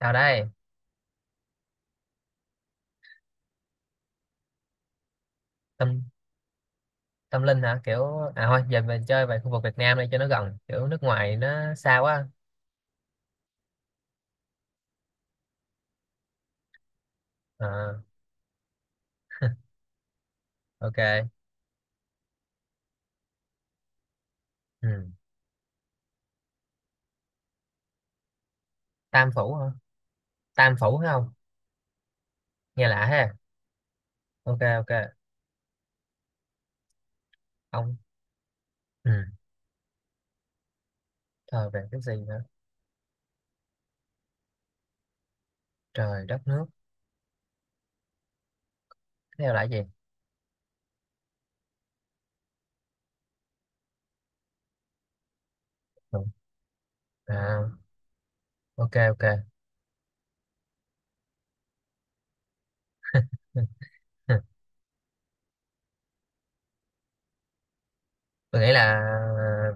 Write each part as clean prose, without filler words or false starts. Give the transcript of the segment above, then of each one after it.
Sao đây? Tâm tâm linh hả? À thôi giờ mình chơi về khu vực Việt Nam đi cho nó gần, kiểu nước ngoài nó xa quá. À, ok. Ừ. Tam phủ hả? Tam phủ phải không? Nghe lạ ha. Ok ok. Ông ừ. Thờ về cái gì hả? Trời đất nước. Tiếp theo là cái gì? Ừ. À, ok ok. Ừ. Ừ. Tôi nghĩ là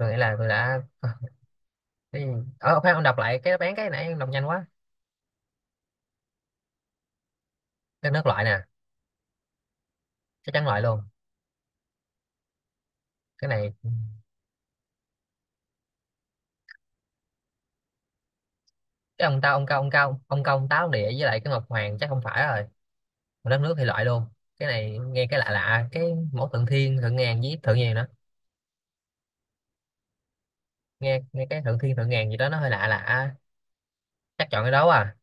tôi nghĩ là tôi đã cái gì? Khoan ông đọc lại cái đáp án cái nãy ông đọc nhanh quá. Đất nước loại nè, chắc chắn loại luôn. Cái này cái ông tao ông cao ông cao ông công táo địa với lại cái ngọc hoàng chắc không phải rồi, một đất nước thì loại luôn. Cái này nghe cái lạ lạ cái mẫu thượng thiên thượng ngàn với thượng nhàn đó, nghe nghe cái thượng thiên thượng ngàn gì đó nó hơi lạ lạ, chắc chọn cái đó à,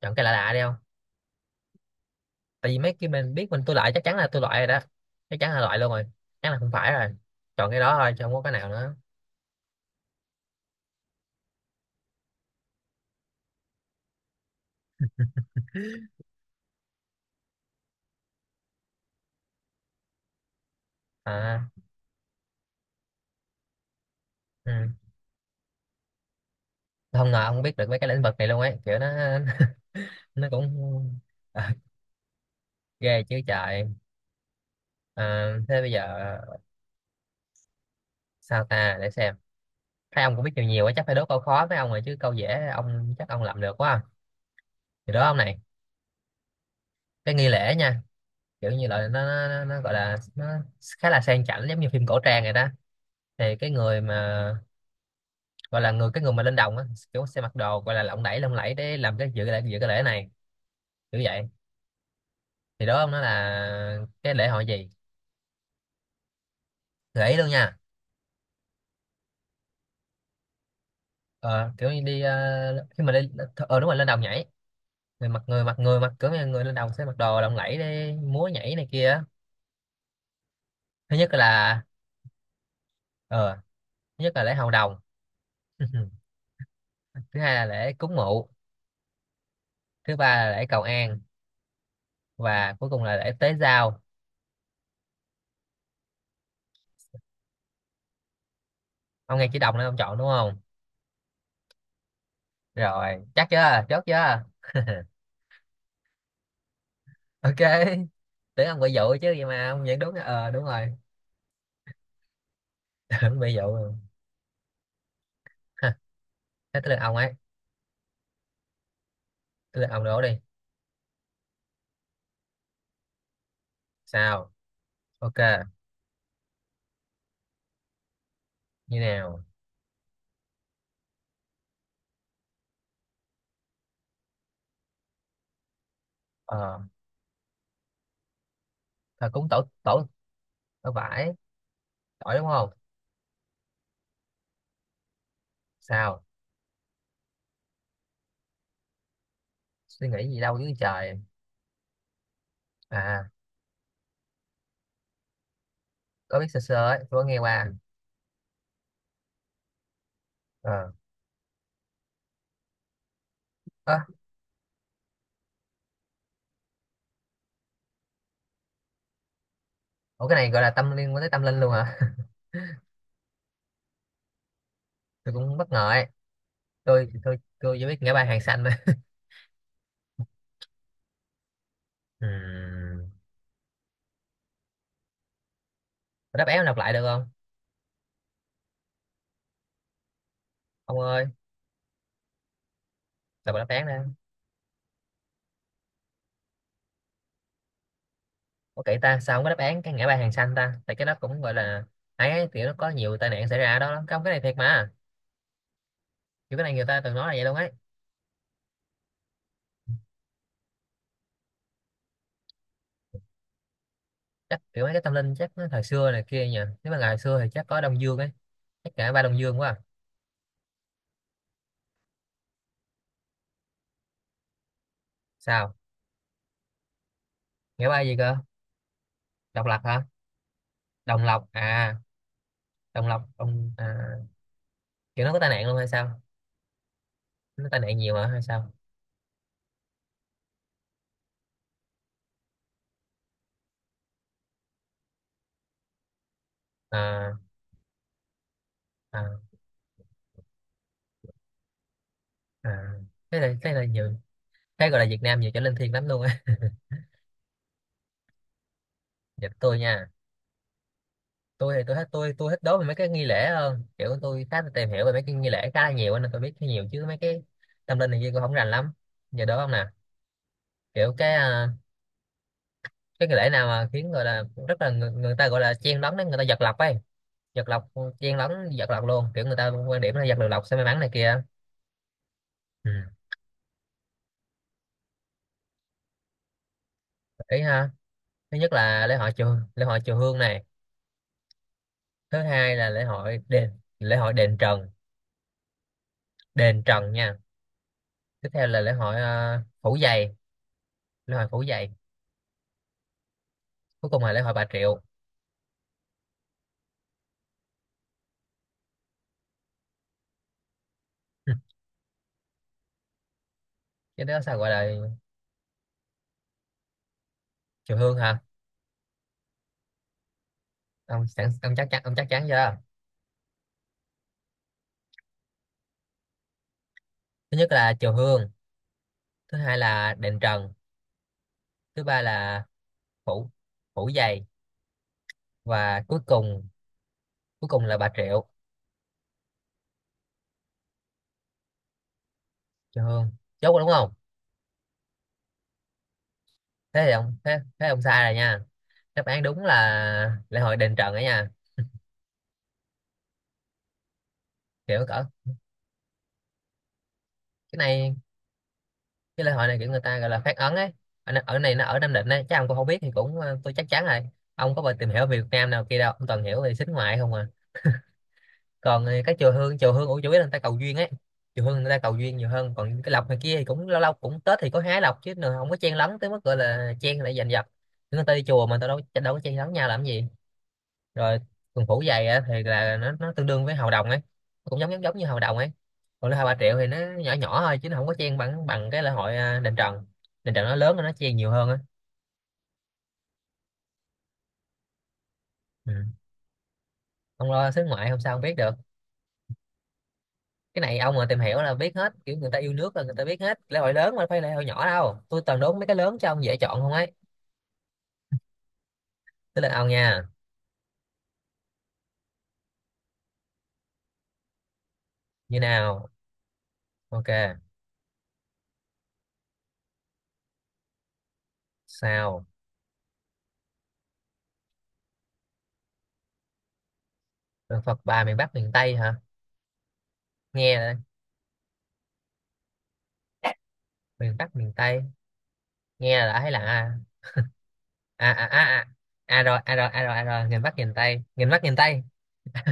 chọn cái lạ lạ đi không. Tại vì mấy cái mình biết tôi loại chắc chắn là tôi loại rồi đó, chắc chắn là loại luôn rồi, chắc là không phải rồi, chọn cái đó thôi chứ không có cái nào nữa. À, ừ. Không ngờ ông biết được mấy cái lĩnh vực này luôn ấy, kiểu nó nó cũng à, ghê chứ trời. À, thế bây giờ sao ta để xem, thấy ông cũng biết nhiều nhiều quá chắc phải đố câu khó với ông rồi chứ câu dễ ông chắc ông làm được quá à. Thì đó ông này, cái nghi lễ nha, kiểu như là nó gọi là nó khá là sang chảnh giống như phim cổ trang này đó, thì cái người mà gọi là cái người mà lên đồng á, kiểu sẽ mặc đồ gọi là lộng lẫy để làm cái dự lễ dự cái lễ này, kiểu vậy. Thì đó ông nói là cái lễ hội gì, gợi luôn nha. Ờ, Kiểu như đi khi mà đi, đúng rồi lên đồng nhảy, người mặc kiểu như người lên đồng sẽ mặc đồ lộng lẫy để múa nhảy này kia á. Thứ nhất là ờ thứ nhất là lễ hầu đồng. Thứ hai là lễ cúng mụ, thứ ba là lễ cầu an, và cuối cùng là để tế giao. Ông nghe chữ đồng nên ông chọn đúng không? Rồi chắc chưa, chốt chưa? Ok. Tưởng ông bị dụ chứ vậy mà ông vẫn đúng, đúng rồi. Tưởng bị dụ. Rồi. Ha, thế tới lượt ông ấy, tới lượt ông đổ đi. Sao? Ok. Như nào? ờ thờ cúng tổ tổ tổ vải, tỏi đúng không? Sao? Suy nghĩ gì đâu dưới trời. À, có biết sơ sơ ấy, tôi có nghe qua. Ờ. Ơ, ủa cái này gọi là tâm liên quan tới tâm linh luôn hả? Tôi cũng bất ngờ ấy, tôi chỉ biết ngã ba hàng xanh thôi. Ừm, đáp án đọc lại được không ông ơi? Đọc đáp án ra. Có kỹ ta, sao không có đáp án cái ngã ba hàng xanh ta, tại cái đó cũng gọi là ấy, kiểu nó có nhiều tai nạn xảy ra ở đó lắm không, cái này thiệt mà, kiểu cái này người ta từng nói là vậy luôn ấy. Chắc kiểu mấy cái tâm linh chắc nó thời xưa này kia nhỉ, nếu mà ngày xưa thì chắc có Đông Dương ấy, chắc ngã ba Đông Dương quá à. Sao? Ngã ba gì cơ? Độc Lập hả? Đồng Lộc à? Đồng Lộc Đồng à, kiểu nó có tai nạn luôn hay sao, nó tai nạn nhiều hả hay sao? À, à, à, cái này nhiều, cái gọi là Việt Nam nhiều chỗ linh thiêng lắm luôn á. Dịch tôi nha. Tôi thì tôi hết tôi thích đố về mấy cái nghi lễ hơn, kiểu tôi khá là tìm hiểu về mấy cái nghi lễ khá là nhiều á, nên tôi biết khá nhiều chứ mấy cái tâm linh này kia tôi không rành lắm. Giờ đố không nè, kiểu cái cái nghi lễ nào mà khiến gọi là rất là người ta gọi là chen lấn đấy, người ta giật lộc ấy, giật lộc, chen lấn giật lộc luôn, kiểu người ta quan điểm là giật được lộc sẽ may mắn này kia. Ừ. Ý ha, thứ nhất là lễ hội chùa Hương này, thứ hai là lễ hội đền Trần, đền Trần nha. Tiếp theo là lễ hội phủ giày, lễ hội phủ giày. Cuối cùng là lễ hội Bà Triệu. Ừ, cái đó sao gọi là chiều hương hả? Ông sẵn ông chắc chắn chưa? Thứ nhất là chiều hương, thứ hai là đền trần, thứ ba là phủ phủ dày, và cuối cùng là bà triệu. Chiều hương, chốt rồi đúng không? Thế thì thế ông sai rồi nha, đáp án đúng là lễ hội đền trần ấy nha. Kiểu cỡ, cái này cái lễ hội này kiểu người ta gọi là phát ấn ấy, ở này nó ở Nam Định ấy, chắc ông cũng không biết thì cũng tôi chắc chắn rồi. Ông có bao tìm hiểu về Việt Nam nào kia đâu, ông toàn hiểu về xính ngoại không à. Còn thì cái chùa Hương, ủa chủ yếu là người ta cầu duyên ấy, chùa Hương người ta cầu duyên nhiều hơn, còn cái lộc này kia thì cũng lâu lâu cũng Tết thì có hái lộc chứ nữa, không có chen lấn tới mức gọi là chen lại giành giật, người ta đi chùa mà tao đâu đâu có chen lấn nhau làm gì. Rồi, quần phủ giày á, thì là nó tương đương với hầu đồng ấy, nó cũng giống giống giống như hầu đồng ấy. Còn lễ hội bà triệu thì nó nhỏ nhỏ thôi chứ nó không có chen bằng bằng cái lễ hội đền trần, đền trần nó lớn nên nó chen nhiều hơn á. Ừ. Ông lo xứ ngoại không sao không biết được. Cái này ông mà tìm hiểu là biết hết, kiểu người ta yêu nước là người ta biết hết lễ hội lớn mà phải lễ hội nhỏ đâu, tôi toàn đố mấy cái lớn cho ông dễ chọn không ấy. Tới lượt ông nha. Như nào? Ok. Sao? Rồi Phật bà miền Bắc miền Tây hả? Nghe đây. Miền Bắc miền Tây, nghe là đã thấy là a a a a a. À rồi a rồi a rồi à rồi, miền Bắc miền Tây, miền Bắc miền Tây.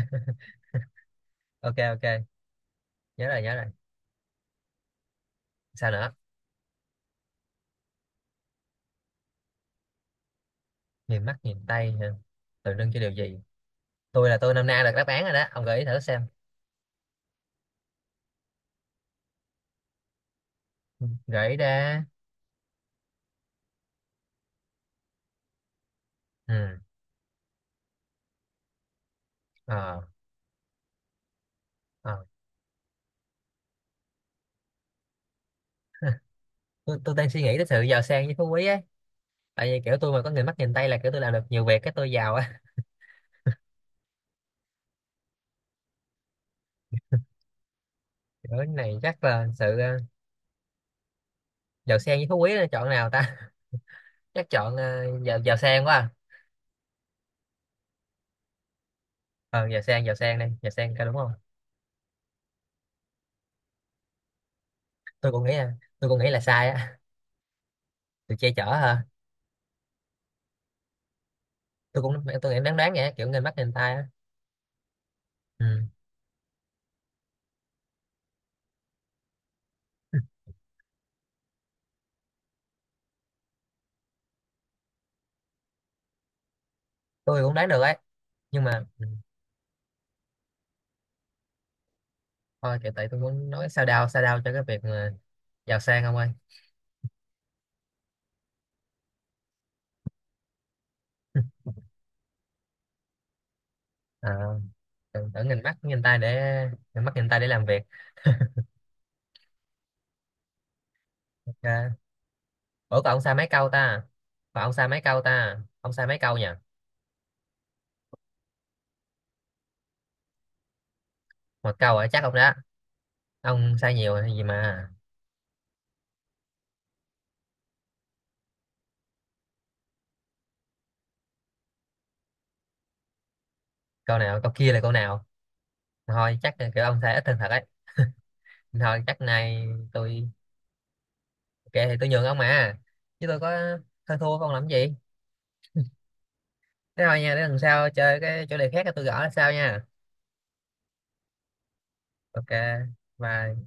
Ok ok. Nhớ rồi nhớ rồi. Sao nữa? Miền Bắc miền Tây hả? Tượng trưng cho điều gì? Tôi là tôi năm nay được đáp án rồi đó, ông gợi ý thử xem, gợi ý ra. Ừ, ờ ờ. Tôi đang suy nghĩ tới sự giàu sang với phú quý ấy, tại vì kiểu tôi mà có người mắt nhìn tay là kiểu tôi làm được nhiều việc cái tôi giàu á. Kiểu cái này chắc là sự giàu sang với phú quý, là chọn nào ta? Chắc chọn giàu giàu sang quá à. Ờ giàu sang, giàu sang đây, giàu sang cái đúng không? tôi cũng nghĩ là tôi cũng nghĩ là sai á. Từ che chở hả? Tôi nghĩ đoán đoán vậy á, kiểu người mắt nhìn tay á. Ừ. Tôi cũng đoán được ấy, nhưng mà ừ, thôi kiểu tại tôi muốn nói sao đao cho cái việc mà giàu sang không ơi. À, tưởng tưởng nhìn mắt nhìn tay để nhìn mắt nhìn tay để làm việc. Ok. Ủa còn ông sai mấy câu ta? Còn ông sai mấy câu ta? Ông sai mấy câu nha? Một câu ở chắc ông đó. Ông sai nhiều hay gì mà. Câu nào, câu kia là câu nào? Thôi chắc là kiểu ông sai ít hơn thật ấy. Thôi chắc nay tôi ok thì tôi nhường ông mà. Chứ tôi có hơn thua không làm gì. Thế thôi nha, để lần sau chơi cái chủ đề khác tôi gõ là sao nha. Ok. Bye.